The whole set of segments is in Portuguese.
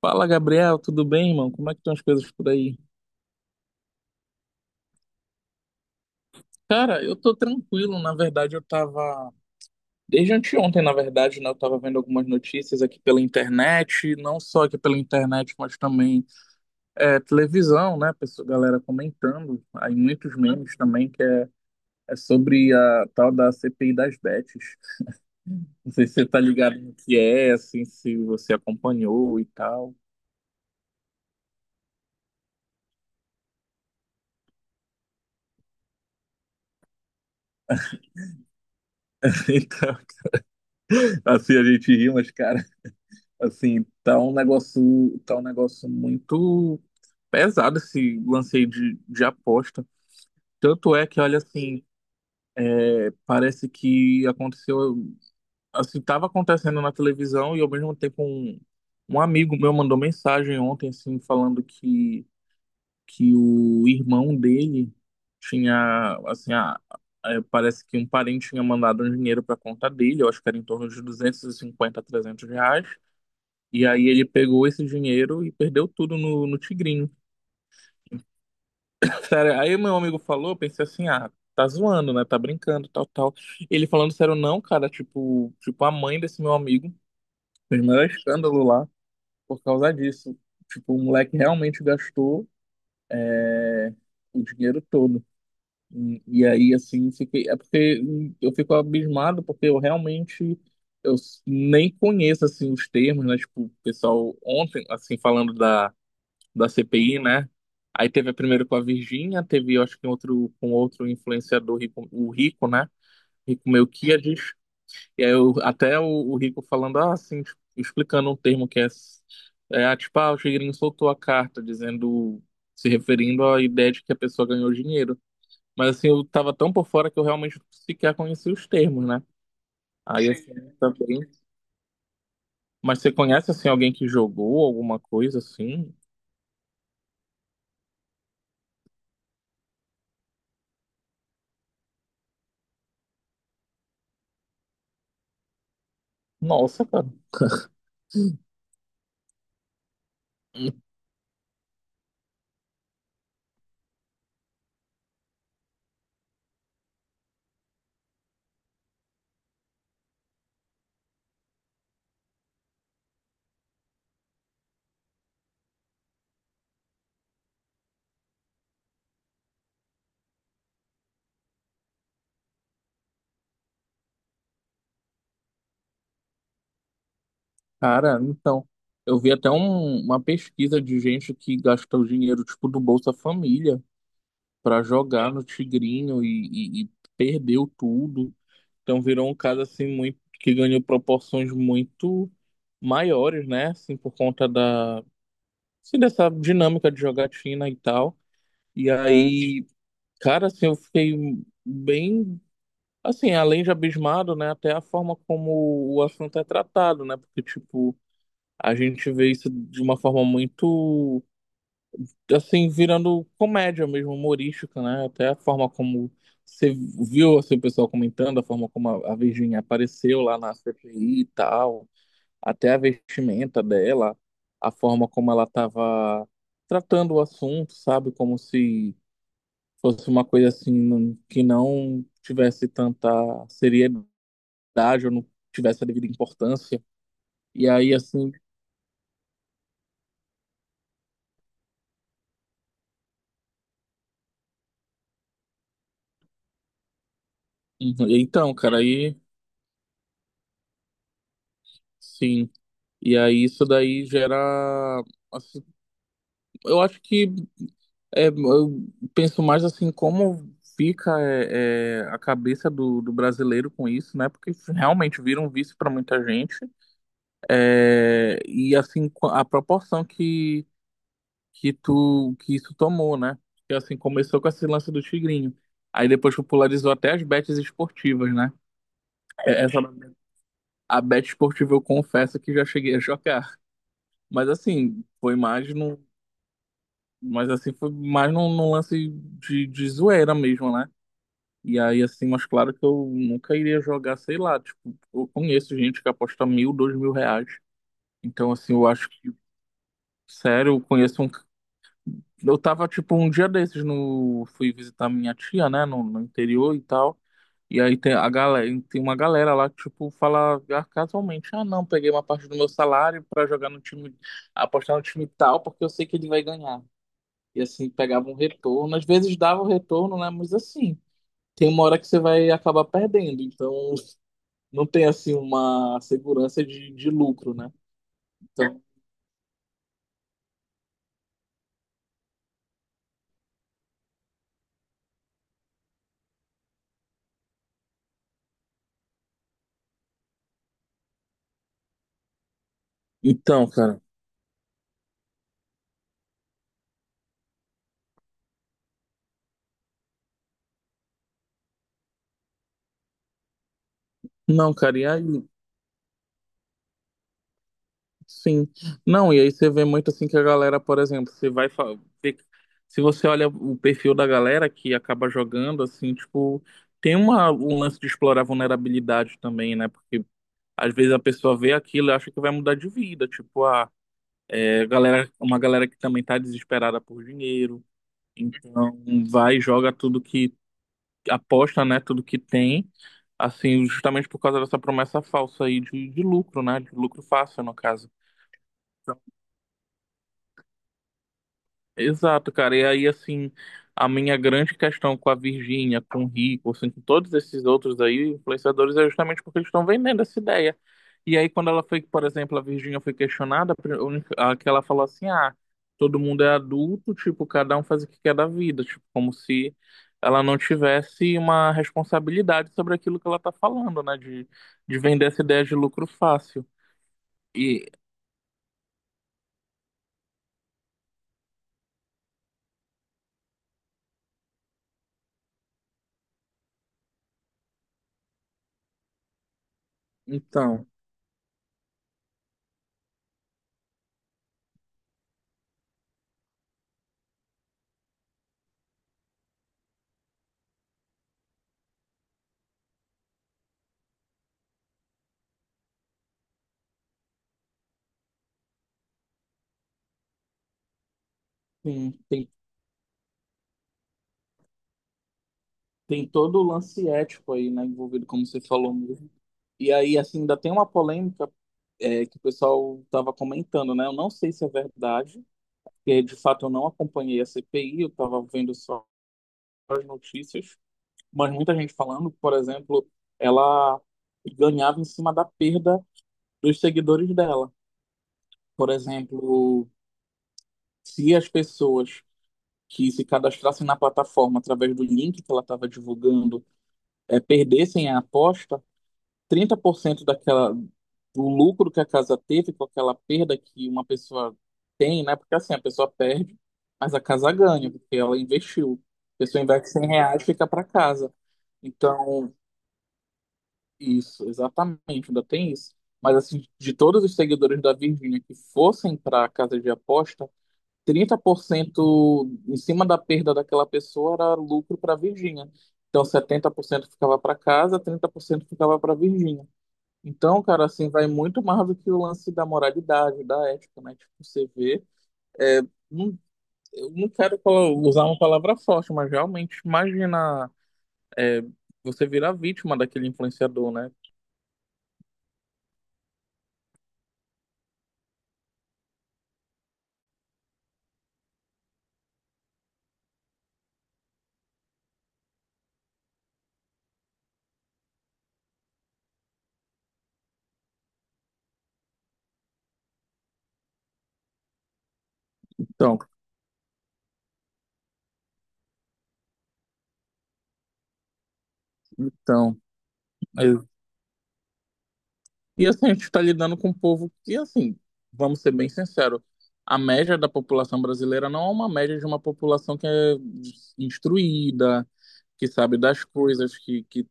Fala, Gabriel, tudo bem, irmão? Como é que estão as coisas por aí? Cara, eu tô tranquilo, na verdade, eu tava. Desde anteontem, na verdade, né? Eu tava vendo algumas notícias aqui pela internet, não só aqui pela internet, mas também televisão, né? Pessoa, galera comentando, aí muitos memes também, que é, sobre a tal da CPI das bets. Não sei se você tá ligado no que é, assim, se você acompanhou e tal. Então, assim, a gente riu, mas, cara. Assim, tá um negócio muito pesado esse lance aí de aposta. Tanto é que, olha, assim, parece que aconteceu, assim, tava acontecendo na televisão e ao mesmo tempo um amigo meu mandou mensagem ontem, assim, falando que o irmão dele tinha, assim, a, é, parece que um parente tinha mandado um dinheiro para conta dele, eu acho que era em torno de 250 a 300 reais. E aí ele pegou esse dinheiro e perdeu tudo no Tigrinho. Sério, aí meu amigo falou, eu pensei assim, ah, tá zoando, né? Tá brincando, tal, tal. Ele falando sério, não, cara, tipo, a mãe desse meu amigo fez o maior escândalo lá por causa disso. Tipo, o moleque realmente gastou o dinheiro todo. E aí, assim, fiquei, é porque eu fico abismado, porque eu realmente nem conheço, assim, os termos, né? Tipo, o pessoal ontem, assim, falando da CPI, né? Aí teve a primeiro com a Virgínia, teve, eu acho que um outro com outro influenciador rico, o Rico, né? Rico Melquiades. E aí eu, até o Rico falando ah, assim, tipo, explicando um termo que é, é ah, tipo, ah, o Tigrinho soltou a carta dizendo, se referindo à ideia de que a pessoa ganhou dinheiro. Mas assim, eu tava tão por fora que eu realmente sequer conhecia os termos, né? Aí assim, também. Mas você conhece assim alguém que jogou alguma coisa assim? Nossa, cara. Cara, então, eu vi até uma pesquisa de gente que gasta o dinheiro, tipo, do Bolsa Família pra jogar no Tigrinho e perdeu tudo. Então virou um caso, assim, muito, que ganhou proporções muito maiores, né? Assim, por conta da, assim, dessa dinâmica de jogatina e tal. E aí, cara, assim, eu fiquei bem, assim, além de abismado, né? Até a forma como o assunto é tratado, né? Porque, tipo, a gente vê isso de uma forma muito, assim, virando comédia mesmo, humorística, né? Até a forma como você viu, assim, o pessoal comentando, a forma como a Virginia apareceu lá na CPI e tal, até a vestimenta dela, a forma como ela estava tratando o assunto, sabe? Como se fosse uma coisa, assim, que não tivesse tanta seriedade ou não tivesse a devida importância. E aí, assim, uhum, então, cara, aí, sim, e aí isso daí gera, assim, eu acho que é, eu penso mais assim como fica é, é, a cabeça do brasileiro com isso, né? Porque realmente vira um vício para muita gente. É, e assim a proporção que tu que isso tomou, né? Que assim começou com esse lance do Tigrinho. Aí depois popularizou até as bets esportivas, né? É, essa, a bet esportiva eu confesso que já cheguei a jogar. Mas assim, foi mais num mas assim, foi mais num lance de zoeira mesmo, né? E aí, assim, mas claro que eu nunca iria jogar, sei lá, tipo, eu conheço gente que aposta 1.000, 2.000 reais. Então, assim, eu acho que, sério, eu conheço um. Eu tava, tipo, um dia desses no. Fui visitar minha tia, né, no interior e tal. E aí tem a galera, tem uma galera lá que, tipo, fala ah, casualmente, ah, não, peguei uma parte do meu salário pra jogar no time, apostar no time tal, porque eu sei que ele vai ganhar. E assim, pegava um retorno. Às vezes dava um retorno, né? Mas assim, tem uma hora que você vai acabar perdendo. Então, não tem assim uma segurança de lucro, né? Então, então, cara. Não, cara, e aí, sim. Não, e aí você vê muito assim que a galera, por exemplo, você vai. Ver- Se você olha o perfil da galera que acaba jogando, assim, tipo, tem uma, um lance de explorar vulnerabilidade também, né? Porque às vezes a pessoa vê aquilo e acha que vai mudar de vida. Tipo, ah. É galera, uma galera que também tá desesperada por dinheiro, então vai e joga tudo que aposta, né, tudo que tem, assim, justamente por causa dessa promessa falsa aí de lucro, né, de lucro fácil no caso. Exato, cara. E aí, assim, a minha grande questão com a Virgínia, com o Rico, assim, com todos esses outros aí, influenciadores, é justamente porque eles estão vendendo essa ideia. E aí, quando ela foi, por exemplo, a Virgínia foi questionada, a pri- a única- a que ela falou assim: ah, todo mundo é adulto, tipo, cada um faz o que quer da vida, tipo, como se ela não tivesse uma responsabilidade sobre aquilo que ela tá falando, né, de vender essa ideia de lucro fácil. E, então, sim, tem tem todo o lance ético aí, né, envolvido, como você falou mesmo. E aí, assim, ainda tem uma polêmica é, que o pessoal estava comentando, né? Eu não sei se é verdade, porque de fato eu não acompanhei a CPI, eu estava vendo só as notícias, mas muita gente falando, por exemplo, ela ganhava em cima da perda dos seguidores dela. Por exemplo, se as pessoas que se cadastrassem na plataforma através do link que ela estava divulgando é, perdessem a aposta, 30% daquela, do lucro que a casa teve com aquela perda que uma pessoa tem, né? Porque assim, a pessoa perde, mas a casa ganha, porque ela investiu. A pessoa investe 100 reais, fica para casa. Então, isso, exatamente, ainda tem isso. Mas assim, de todos os seguidores da Virgínia que fossem para a casa de aposta, 30% em cima da perda daquela pessoa era lucro para a Virgínia. Então, 70% ficava para casa, 30% ficava para a então, cara, assim, vai muito mais do que o lance da moralidade, da ética, né? Tipo, você vê, é, não, eu não quero usar uma palavra forte, mas realmente imagina, é, você virar vítima daquele influenciador, né? Então, então, é, e assim, a gente tá lidando com um povo que, assim, vamos ser bem sinceros, a média da população brasileira não é uma média de uma população que é instruída, que sabe das coisas,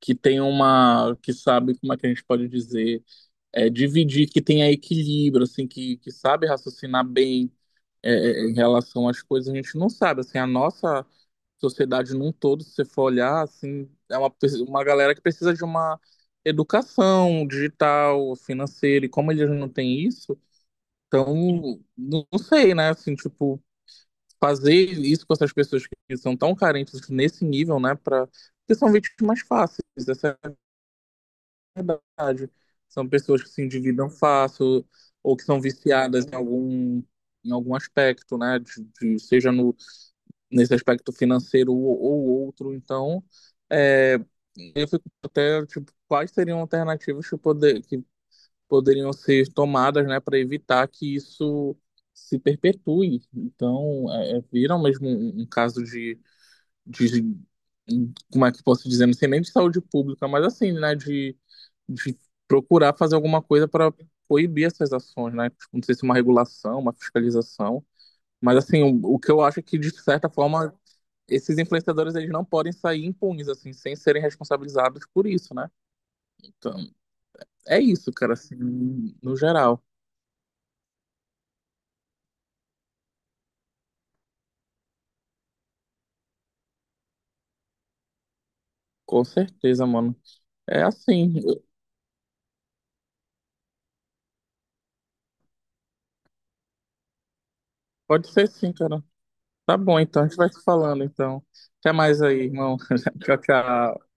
que tem uma, que sabe como é que a gente pode dizer é, dividir, que tenha equilíbrio, assim, que sabe raciocinar bem é, é, em relação às coisas. A gente não sabe, assim, a nossa sociedade num todo, se você for olhar, assim, é uma, uma galera que precisa de uma educação digital, financeira, e como eles não têm isso, então, não sei, né, assim, tipo, fazer isso com essas pessoas que são tão carentes nesse nível, né, para que são vítimas fáceis, essa verdade. São pessoas que se endividam fácil ou que são viciadas em algum aspecto, né? De, seja no, nesse aspecto financeiro ou outro. Então, é, eu fico até, tipo, quais seriam alternativas que, poder, que poderiam ser tomadas, né, para evitar que isso se perpetue. Então, é, é, vira mesmo um caso de como é que eu posso dizer, não sei nem de saúde pública, mas assim, né, de procurar fazer alguma coisa para proibir essas ações, né? Tipo, não sei se uma regulação, uma fiscalização, mas assim, o que eu acho é que de certa forma esses influenciadores eles não podem sair impunes assim, sem serem responsabilizados por isso, né? Então, é isso, cara, assim, no geral. Com certeza, mano. É assim, pode ser sim, cara. Tá bom, então a gente vai se falando, então. Até mais aí, irmão. Tchau, tchau.